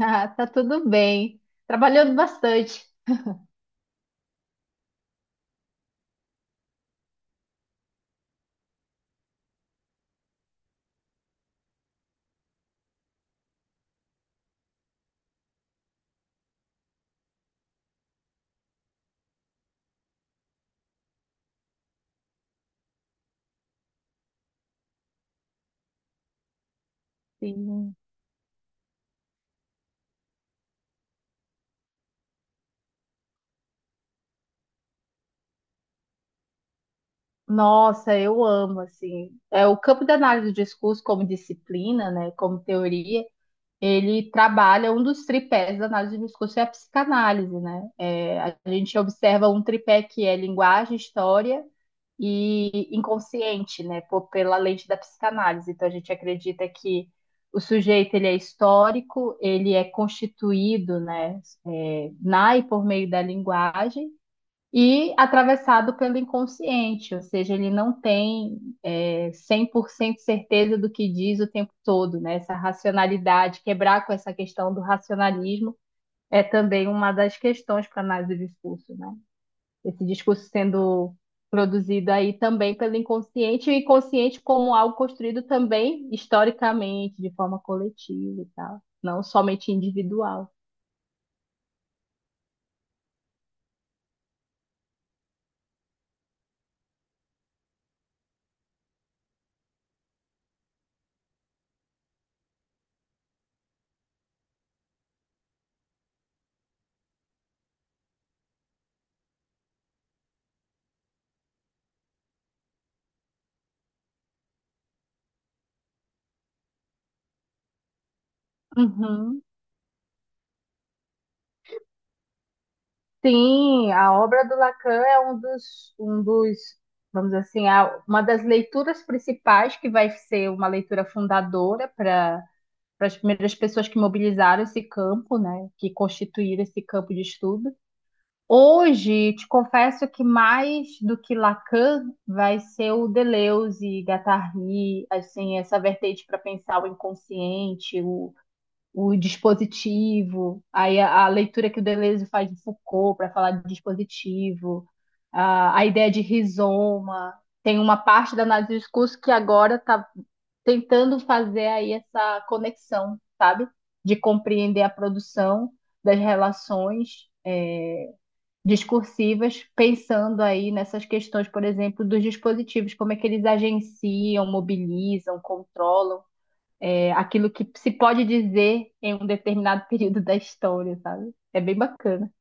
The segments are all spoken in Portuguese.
Ah, tá tudo bem. Trabalhando bastante. Sim. Nossa, eu amo, assim. O campo da análise do discurso como disciplina, né, como teoria, ele trabalha um dos tripés da análise do discurso é a psicanálise, né? A gente observa um tripé que é linguagem, história e inconsciente, né? Pô, pela lente da psicanálise. Então a gente acredita que o sujeito ele é histórico, ele é constituído, né, na e por meio da linguagem e atravessado pelo inconsciente, ou seja, ele não tem 100% certeza do que diz o tempo todo, né? Essa racionalidade, quebrar com essa questão do racionalismo é também uma das questões para a análise do discurso, né? Esse discurso sendo produzido aí também pelo inconsciente, e o inconsciente como algo construído também historicamente, de forma coletiva e tal, não somente individual. Uhum. Sim, a obra do Lacan é um dos, vamos dizer assim, uma das leituras principais que vai ser uma leitura fundadora para as primeiras pessoas que mobilizaram esse campo, né, que constituíram esse campo de estudo. Hoje, te confesso que mais do que Lacan vai ser o Deleuze, Guattari, assim, essa vertente para pensar o inconsciente, o dispositivo, aí a leitura que o Deleuze faz de Foucault para falar de dispositivo, a ideia de rizoma. Tem uma parte da análise do discurso que agora está tentando fazer aí essa conexão, sabe? De compreender a produção das relações discursivas, pensando aí nessas questões, por exemplo, dos dispositivos, como é que eles agenciam, mobilizam, controlam aquilo que se pode dizer em um determinado período da história, sabe? É bem bacana.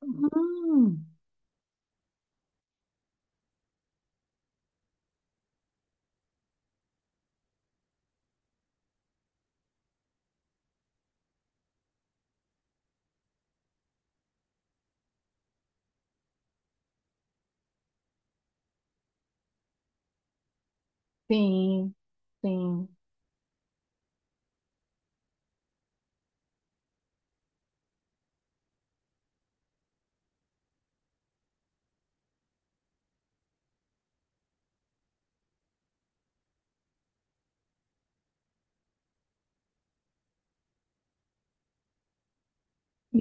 Hum, sim, sim.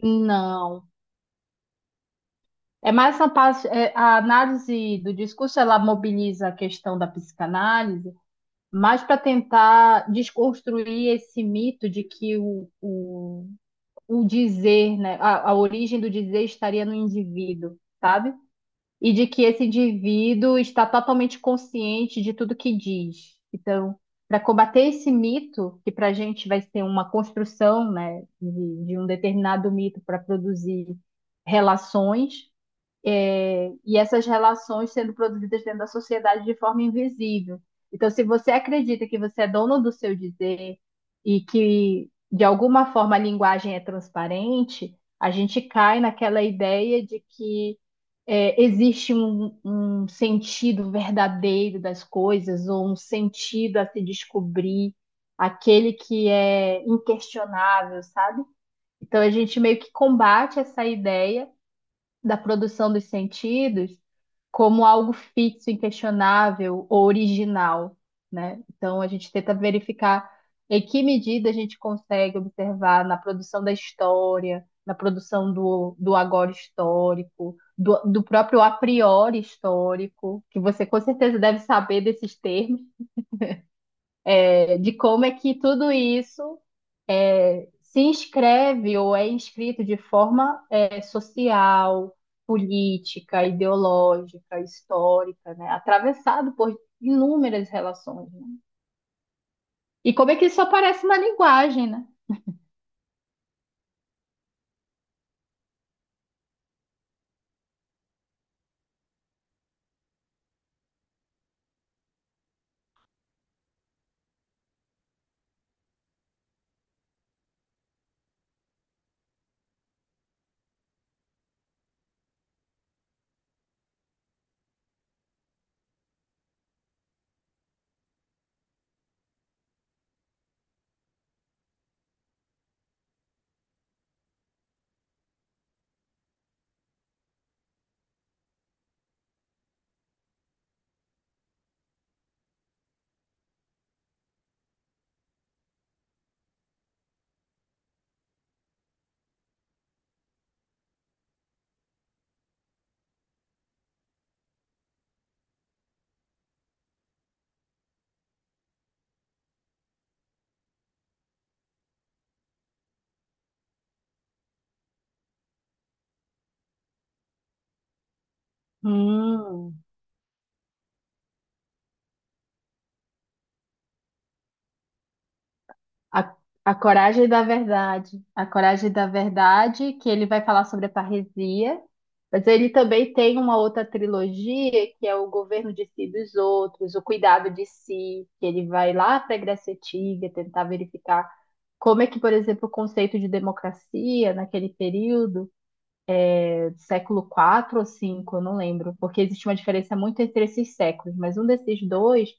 Não. É mais essa parte, a análise do discurso, ela mobiliza a questão da psicanálise, mas para tentar desconstruir esse mito de que o dizer, né? A origem do dizer estaria no indivíduo, sabe? E de que esse indivíduo está totalmente consciente de tudo que diz. Então, para combater esse mito, que para a gente vai ser uma construção, né, de, um determinado mito para produzir relações, e essas relações sendo produzidas dentro da sociedade de forma invisível. Então, se você acredita que você é dono do seu dizer e que, de alguma forma, a linguagem é transparente, a gente cai naquela ideia de que existe um sentido verdadeiro das coisas, ou um sentido a se descobrir, aquele que é inquestionável, sabe? Então, a gente meio que combate essa ideia da produção dos sentidos como algo fixo, inquestionável ou original, né? Então a gente tenta verificar em que medida a gente consegue observar na produção da história, na produção do agora histórico, do próprio a priori histórico, que você com certeza deve saber desses termos, de como é que tudo isso se inscreve ou é inscrito de forma social, política, ideológica, histórica, né? Atravessado por inúmeras relações, né? E como é que isso aparece na linguagem, né? Hum. A, a coragem da verdade. A coragem da verdade, que ele vai falar sobre a parresia, mas ele também tem uma outra trilogia, que é o governo de si e dos outros, o cuidado de si, que ele vai lá para a Grécia Antiga tentar verificar como é que, por exemplo, o conceito de democracia naquele período século quatro ou cinco, eu não lembro, porque existe uma diferença muito entre esses séculos, mas um desses dois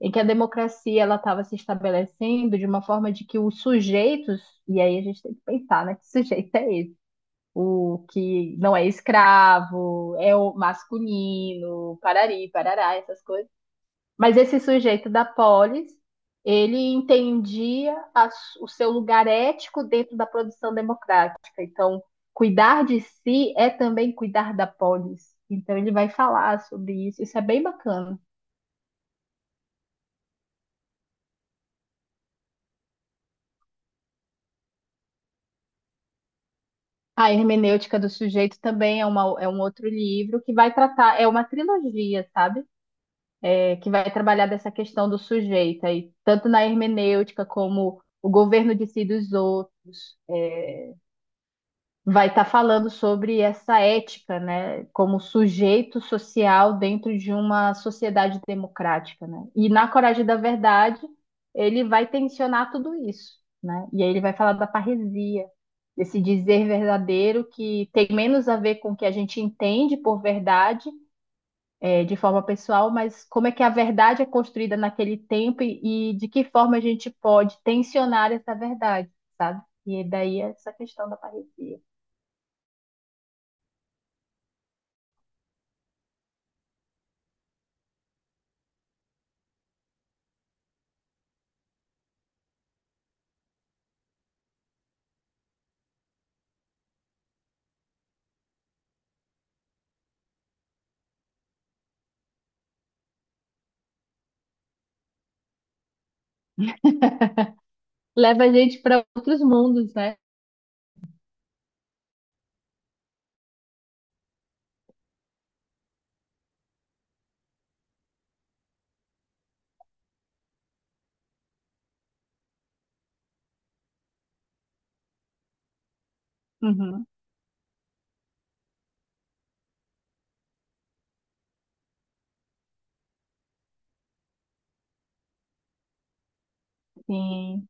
em que a democracia ela estava se estabelecendo de uma forma de que os sujeitos, e aí a gente tem que pensar, né, que sujeito é esse? O que não é escravo, é o masculino, parari, parará, essas coisas, mas esse sujeito da polis, ele entendia o seu lugar ético dentro da produção democrática. Então, cuidar de si é também cuidar da polis. Então, ele vai falar sobre isso. Isso é bem bacana. A Hermenêutica do Sujeito também é, é um outro livro que vai tratar, é uma trilogia, sabe? É, que vai trabalhar dessa questão do sujeito aí, tanto na hermenêutica como o governo de si dos outros. Vai estar falando sobre essa ética, né, como sujeito social dentro de uma sociedade democrática, né? E na Coragem da Verdade, ele vai tensionar tudo isso, né? E aí ele vai falar da parresia, desse dizer verdadeiro que tem menos a ver com o que a gente entende por verdade, é, de forma pessoal, mas como é que a verdade é construída naquele tempo e de que forma a gente pode tensionar essa verdade, sabe? E daí essa questão da parresia. Leva a gente para outros mundos, né? Uhum, sim,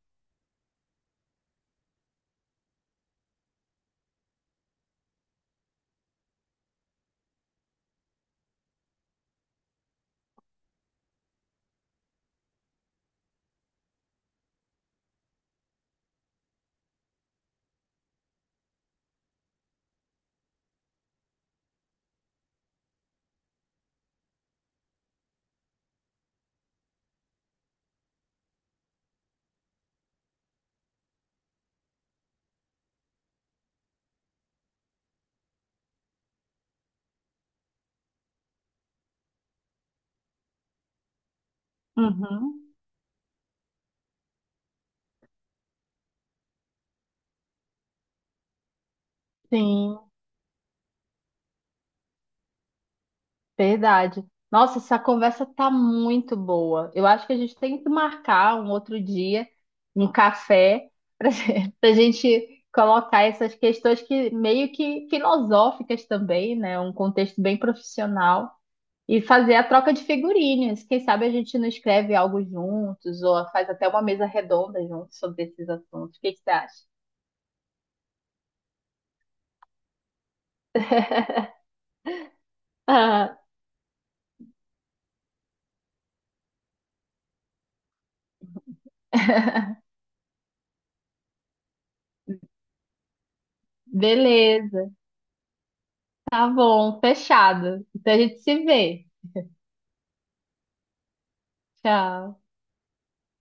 uhum, sim, verdade. Nossa, essa conversa tá muito boa. Eu acho que a gente tem que marcar um outro dia, um café, para a gente colocar essas questões que meio que filosóficas também, né? Um contexto bem profissional e fazer a troca de figurinhas. Quem sabe a gente não escreve algo juntos ou faz até uma mesa redonda juntos sobre esses assuntos. O que que você acha? Ah. Beleza. Tá bom, fechado. Então a gente se vê. Tchau.